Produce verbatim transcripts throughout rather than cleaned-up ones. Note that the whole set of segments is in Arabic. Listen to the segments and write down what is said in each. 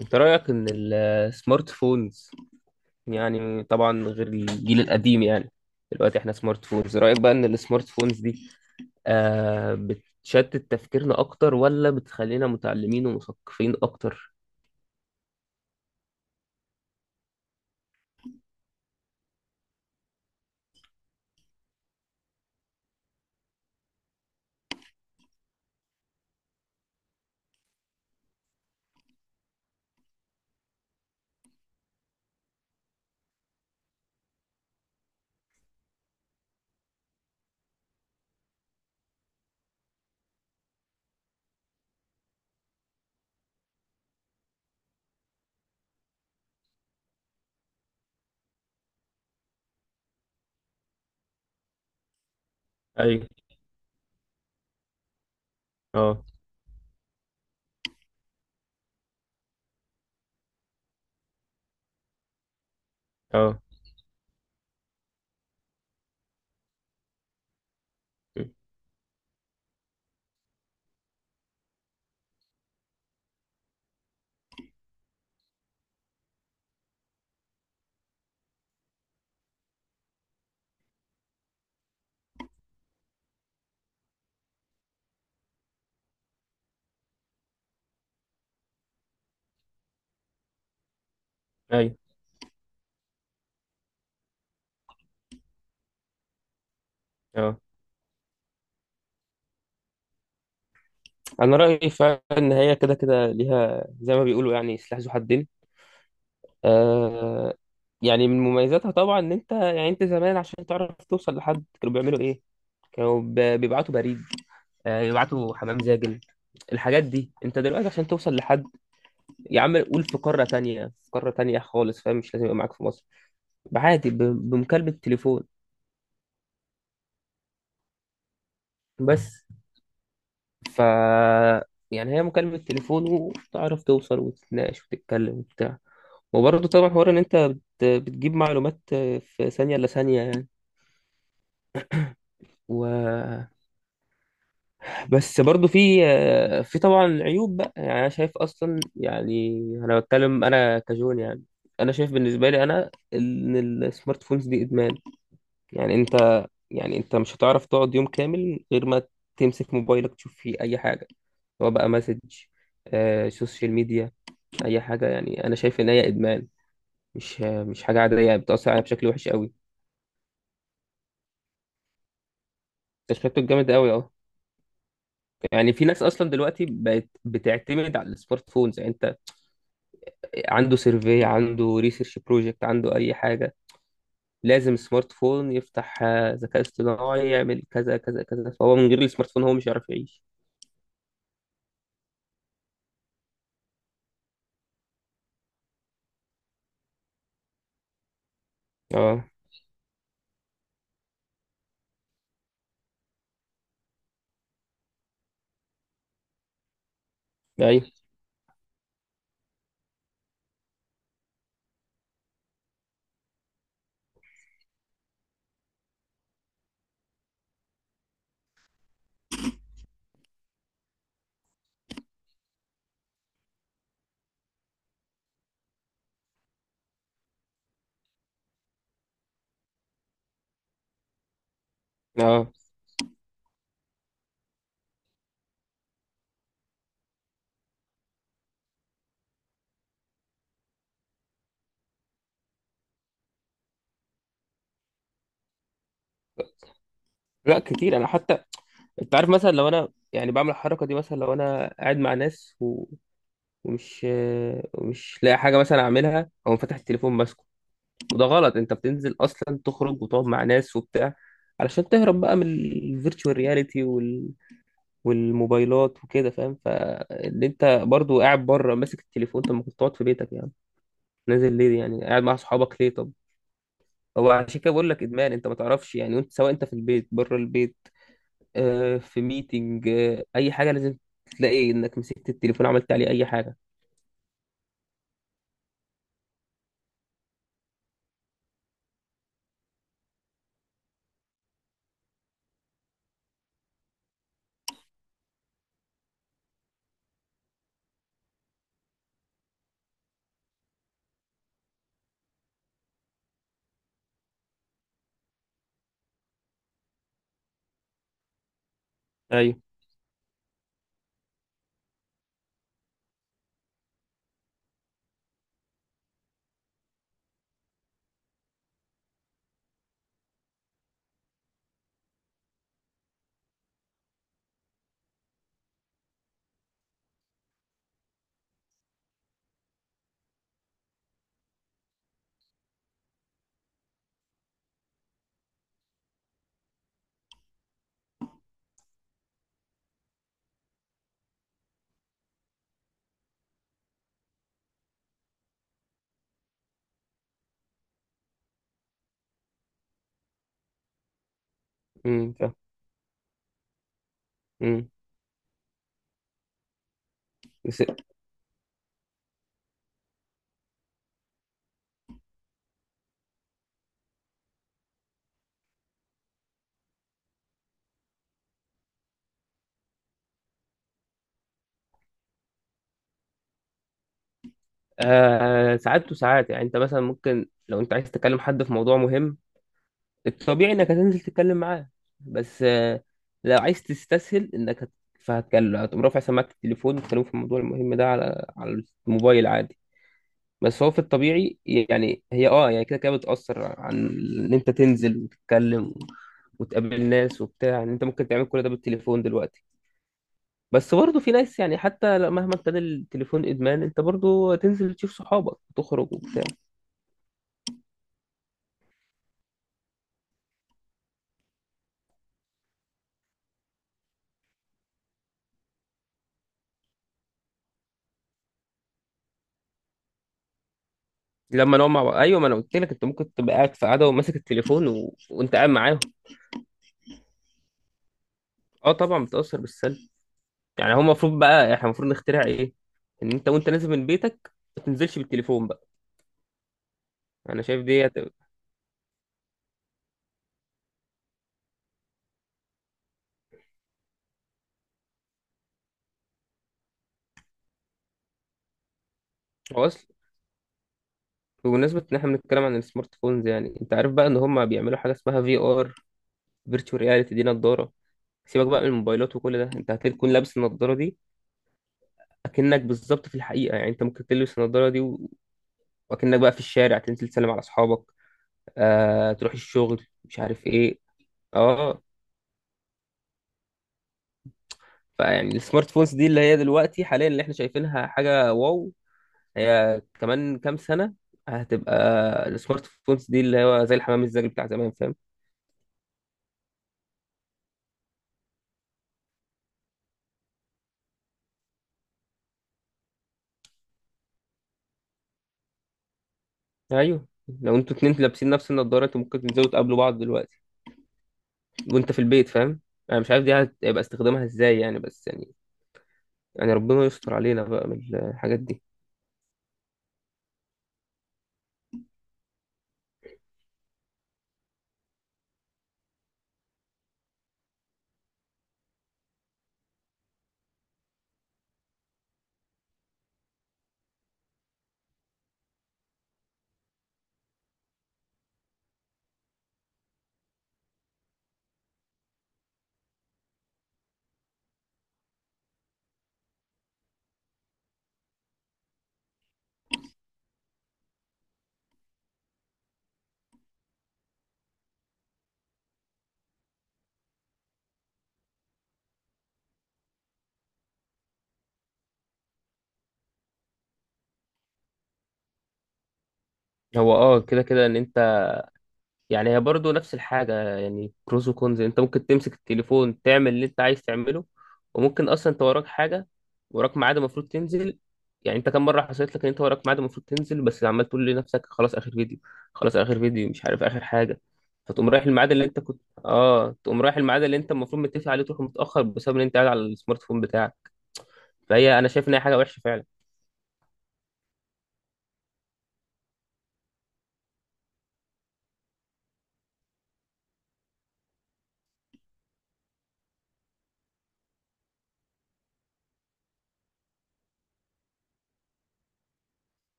انت رأيك ان السمارت فونز، يعني طبعا غير الجيل القديم، يعني دلوقتي احنا سمارت فونز. رأيك بقى ان السمارت فونز دي آه بتشتت تفكيرنا اكتر، ولا بتخلينا متعلمين ومثقفين اكتر؟ ايوه. اه. اه. مم. ايوه. اه، انا رأيي فعلا ان هي كده كده ليها زي ما بيقولوا يعني سلاح ذو حدين. آه يعني من مميزاتها طبعا ان انت يعني انت زمان، عشان تعرف توصل لحد كانوا بيعملوا ايه، كانوا ب- بيبعتوا بريد، آه، يبعتوا حمام زاجل. الحاجات دي انت دلوقتي عشان توصل لحد، يا عم قول في قارة تانية، في قارة تانية خالص، فاهم؟ مش لازم يبقى معاك في مصر، عادي ب- بمكالمة تليفون بس. ف يعني هي مكالمة تليفون، وتعرف توصل وتتناقش وتتكلم وبتاع. وبرضه طبعا حوار ان انت بت- بتجيب معلومات في ثانية إلا ثانية يعني. و بس برضو في آه، في طبعا عيوب بقى، يعني انا شايف اصلا، يعني انا بتكلم انا كجون يعني. انا شايف بالنسبه لي انا ان السمارت فونز دي ادمان. يعني انت يعني انت مش هتعرف تقعد يوم كامل غير ما تمسك موبايلك تشوف فيه اي حاجه، سواء بقى مسج، آه سوشيال ميديا، اي حاجه. يعني انا شايف ان هي ادمان، مش آه، مش حاجه عاديه، بتاثر عليها بشكل وحش قوي. تشبيهته جامد قوي، اه. يعني في ناس اصلا دلوقتي بقت بتعتمد على السمارت فونز، يعني انت عنده سيرفي، عنده ريسيرش بروجكت، عنده اي حاجه، لازم سمارت فون يفتح، آه، ذكاء اصطناعي يعمل كذا كذا كذا. فهو من غير السمارت فون هو مش هيعرف يعيش. اه. ايوه. اه، لا كتير، انا حتى انت عارف، مثلا لو انا يعني بعمل الحركه دي، مثلا لو انا قاعد مع ناس و... ومش آه، ومش لاقي حاجه مثلا اعملها، او فاتح التليفون ماسكه. وده غلط، انت بتنزل اصلا تخرج وتقعد مع ناس وبتاع علشان تهرب بقى من الفيرتشوال رياليتي والموبايلات وكده، فاهم؟ فاللي انت برضو قاعد بره ماسك التليفون، طب ما كنت تقعد في بيتك يعني، نازل ليه يعني، قاعد مع اصحابك ليه؟ طب هو عشان كده بقول لك ادمان. انت ما تعرفش يعني، وانت سواء انت في البيت، بره البيت، آه في ميتنج، آه اي حاجه، لازم تلاقي انك مسكت التليفون عملت عليه اي حاجه. ايوه. امم فاهم. امم بس، آه ساعات وساعات يعني، انت مثلا ممكن لو انت عايز تكلم حد في موضوع مهم، الطبيعي انك هتنزل تتكلم معاه. بس آه، لو عايز تستسهل انك هت... فهتكلم، هتقوم رافع سماعة التليفون وتكلمه في الموضوع المهم ده على على الموبايل عادي. بس هو في الطبيعي يعني هي، اه يعني كده كده بتأثر عن ان انت تنزل وتتكلم و- وتقابل ناس وبتاع، ان انت ممكن تعمل كل ده بالتليفون دلوقتي. بس برضه في ناس، يعني حتى لو- مهما ابتدى التليفون ادمان، انت برضه تنزل تشوف صحابك وتخرج وبتاع. لما نقعد مع بعض، ايوه، ما انا قلت لك انت ممكن تبقى قاعد في قعده وماسك التليفون و... وانت قاعد معاهم. اه، طبعا بتأثر بالسلب. يعني هو المفروض بقى احنا المفروض نخترع ايه؟ ان انت وانت نازل من بيتك ما تنزلش بالتليفون بقى. انا شايف دي هت- هو اصل، بمناسبة ان احنا بنتكلم عن السمارت فونز، يعني انت عارف بقى ان هم بيعملوا حاجة اسمها في ار، فيرتشوال رياليتي، دي نضارة. سيبك بقى من الموبايلات وكل ده، انت هتكون لابس النضارة دي، اكنك بالظبط في الحقيقة. يعني انت ممكن تلبس النضارة دي و- واكنك بقى في الشارع، تنزل تسلم على اصحابك، آه تروح الشغل، مش عارف ايه. اه. فيعني السمارت فونز دي اللي هي دلوقتي حاليا، اللي احنا شايفينها حاجة واو، هي كمان كام سنة هتبقى السمارت فونز دي اللي هو زي الحمام الزاجل بتاع زمان، فاهم؟ ايوه. لو انتوا اتنين لابسين نفس النضارة، انتوا ممكن تنزلوا تقابلوا بعض دلوقتي وانت في البيت، فاهم؟ انا مش عارف دي هيبقى استخدامها ازاي يعني، بس يعني يعني ربنا يستر علينا بقى من الحاجات دي. هو اه كده كده ان انت، يعني هي برضه نفس الحاجة، يعني بروز وكونز. انت ممكن تمسك التليفون تعمل اللي انت عايز تعمله، وممكن اصلا انت وراك حاجة، وراك ميعاد المفروض تنزل. يعني انت كم مرة حصلت لك ان انت وراك ميعاد المفروض تنزل، بس عمال تقول لنفسك خلاص اخر فيديو، خلاص اخر فيديو، مش عارف اخر حاجة. فتقوم رايح الميعاد اللي انت كنت، اه تقوم رايح الميعاد اللي انت المفروض متفق عليه، تروح متأخر بسبب ان انت قاعد على السمارت فون بتاعك. فهي انا شايف ان هي حاجة وحشة فعلا.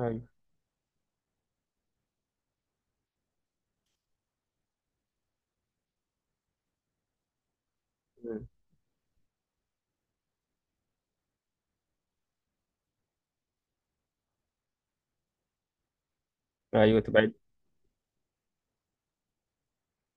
ايوه. ايوه تبقى